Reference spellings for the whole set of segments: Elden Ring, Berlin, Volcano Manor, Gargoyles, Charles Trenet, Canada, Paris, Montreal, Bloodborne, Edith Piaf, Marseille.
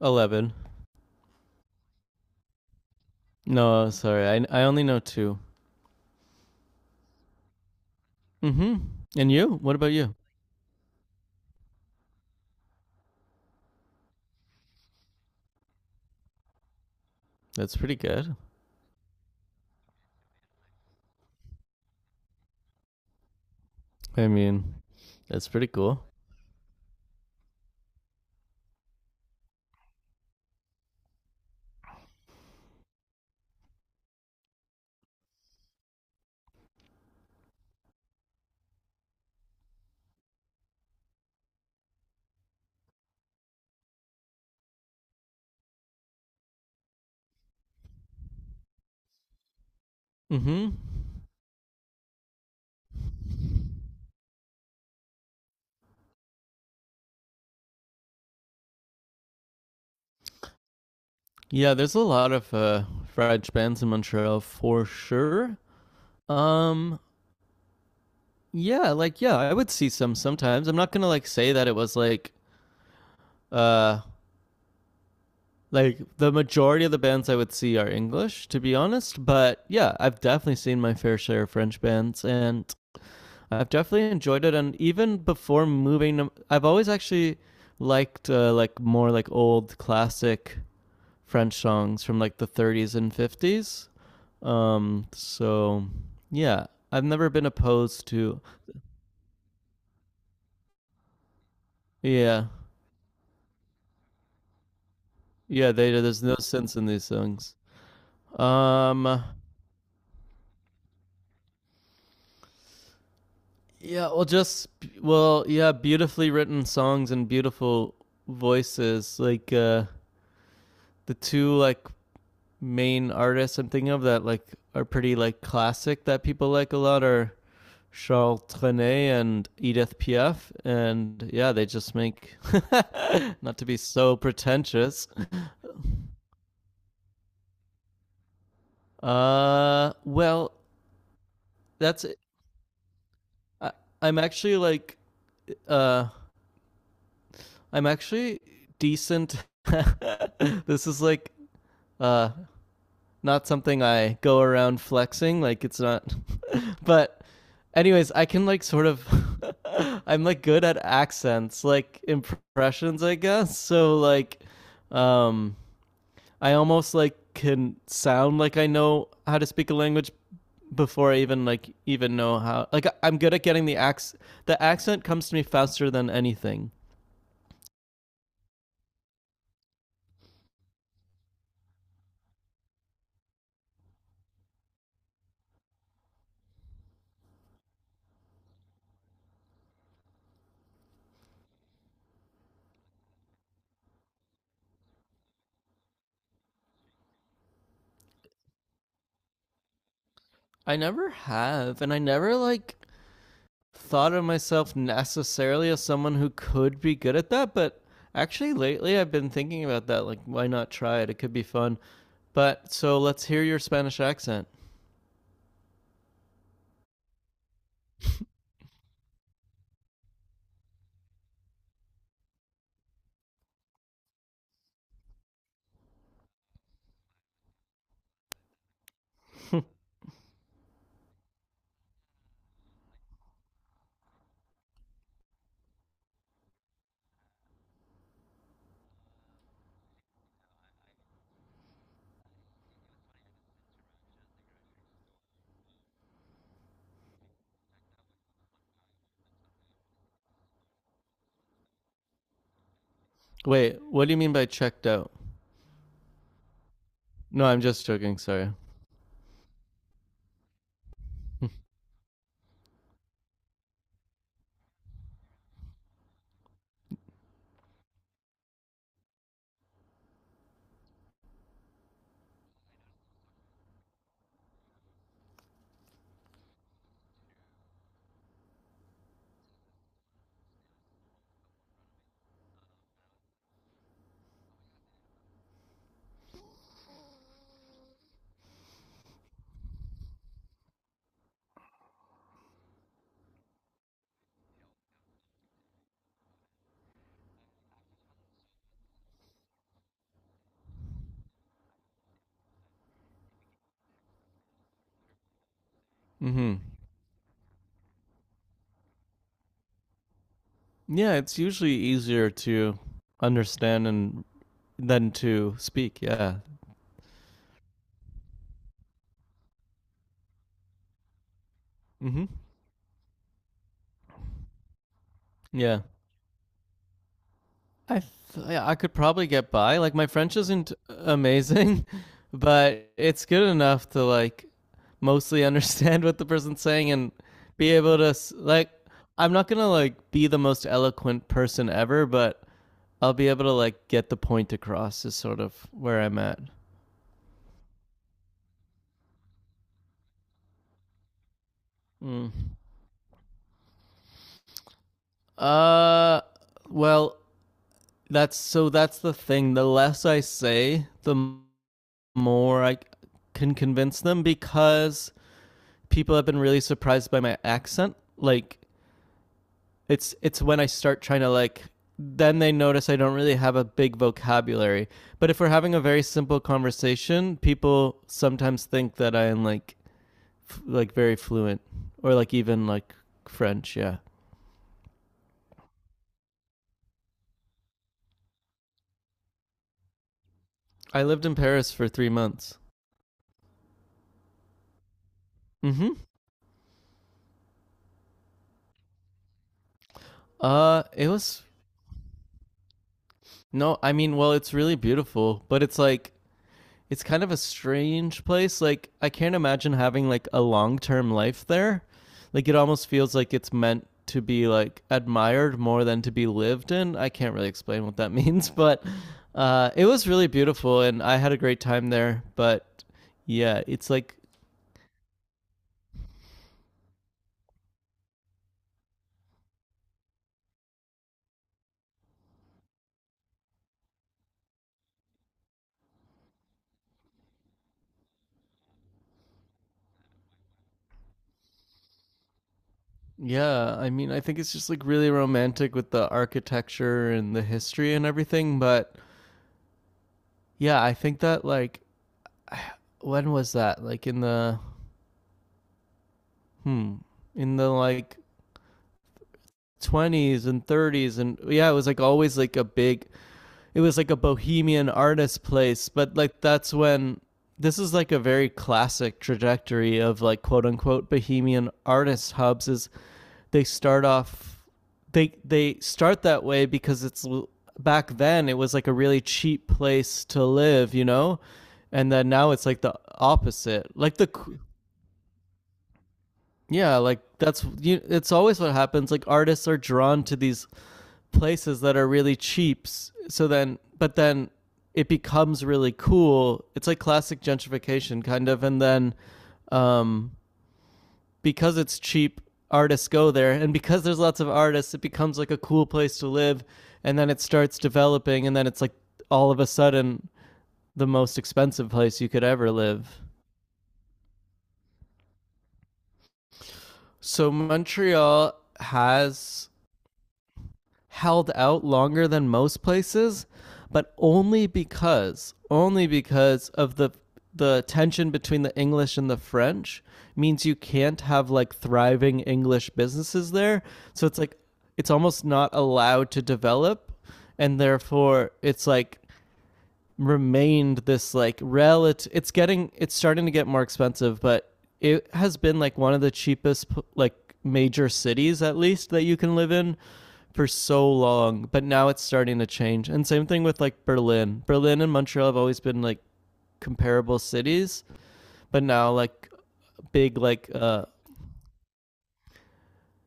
11. No, sorry. I only know two. Mm-hmm. And you? What about you? That's pretty good. I mean, that's pretty cool. Mm-hmm. Yeah, there's a lot of French bands in Montreal for sure. Um, yeah, like yeah, I would see some sometimes. I'm not gonna like say that it was uh like the majority of the bands I would see are English, to be honest. But yeah, I've definitely seen my fair share of French bands, and I've definitely enjoyed it, and even before moving, I've always actually liked like more like old classic French songs from like the 30s and 50s. So yeah, I've never been opposed to. Yeah, yeah. They there's no sense in these songs. Um, yeah. Well, yeah. Beautifully written songs and beautiful voices. Like the two like main artists I'm thinking of that like are pretty like classic that people like a lot are Charles Trenet and Edith Piaf, and yeah, they just make not to be so pretentious. Well, that's it. I, I'm actually like, uh, I'm actually decent. This is like uh not something I go around flexing. Like it's not. But anyways, I can like sort of I'm like good at accents, like impressions, I guess. So like um I almost like can sound like I know how to speak a language before I even like even know how. Like I'm good at getting the accent comes to me faster than anything. I never have and I never like thought of myself necessarily as someone who could be good at that, but actually lately I've been thinking about that. Like, why not try it? It could be fun. But so let's hear your Spanish accent. Wait, what do you mean by checked out? No, I'm just joking. Sorry. Hmm. Yeah, it's usually easier to understand and than to speak. Yeah. Hmm. Yeah. I yeah, I could probably get by. Like my French isn't amazing, but it's good enough to like mostly understand what the person's saying and be able to like, I'm not going to like be the most eloquent person ever, but I'll be able to like get the point across is sort of where I'm at. Mm. Uh well, that's the thing. The less I say, the more I can convince them because people have been really surprised by my accent. Like it's when I start trying to like then they notice I don't really have a big vocabulary. But if we're having a very simple conversation, people sometimes think that I am like like very fluent or like even like French, yeah. I lived in Paris for 3 months. Mhm. It was no, I mean, well, it's really beautiful, but it's like it's kind of a strange place. Like I can't imagine having like a long term life there. Like it almost feels like it's meant to be like admired more than to be lived in. I can't really explain what that means, but it was really beautiful and I had a great time there. But yeah, it's like yeah, I mean I think it's just like really romantic with the architecture and the history and everything. But yeah, I think that like when was that? Like in the hmm in the like 20s and 30s, and yeah it was like always like a big, it was like a bohemian artist place but like that's when this is like a very classic trajectory of like quote unquote bohemian artist hubs is they start off, they start that way because it's back then it was like a really cheap place to live, you know. And then now it's like the opposite, like the yeah like that's you it's always what happens, like artists are drawn to these places that are really cheap. So then, but then it becomes really cool. It's like classic gentrification, kind of. And then um, because it's cheap, artists go there. And because there's lots of artists, it becomes like a cool place to live. And then it starts developing. And then it's like all of a sudden the most expensive place you could ever live. So Montreal has held out longer than most places, but only because of the tension between the English and the French means you can't have like thriving English businesses there. So it's like it's almost not allowed to develop and therefore it's like remained this like relative, it's getting, it's starting to get more expensive but it has been like one of the cheapest like major cities at least that you can live in for so long but now it's starting to change and same thing with like berlin and montreal have always been like comparable cities but now like big like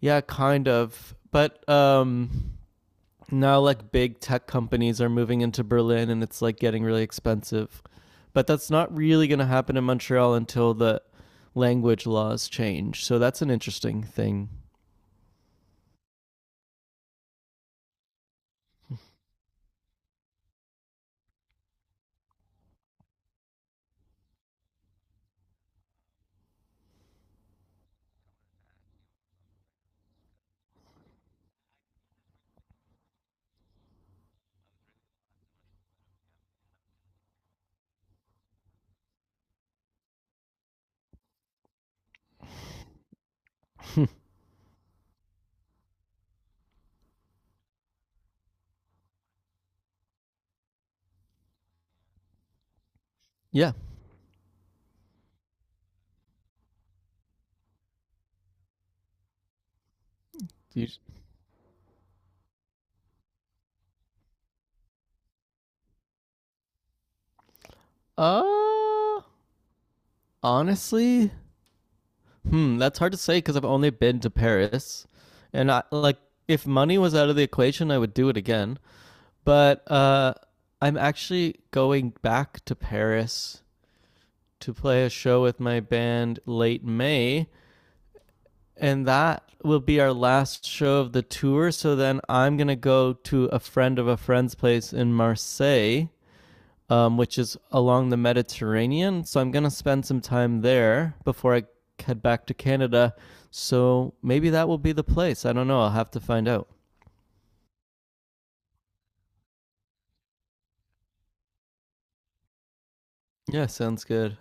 yeah kind of, but now like big tech companies are moving into Berlin and it's like getting really expensive. But that's not really going to happen in Montreal until the language laws change. So that's an interesting thing. Yeah. You- Uh honestly, hmm, that's hard to say cuz I've only been to Paris and I like if money was out of the equation, I would do it again. But I'm actually going back to Paris to play a show with my band late May and that will be our last show of the tour. So then I'm gonna go to a friend of a friend's place in Marseille, which is along the Mediterranean. So I'm gonna spend some time there before I head back to Canada. So maybe that will be the place. I don't know. I'll have to find out. Yeah, sounds good.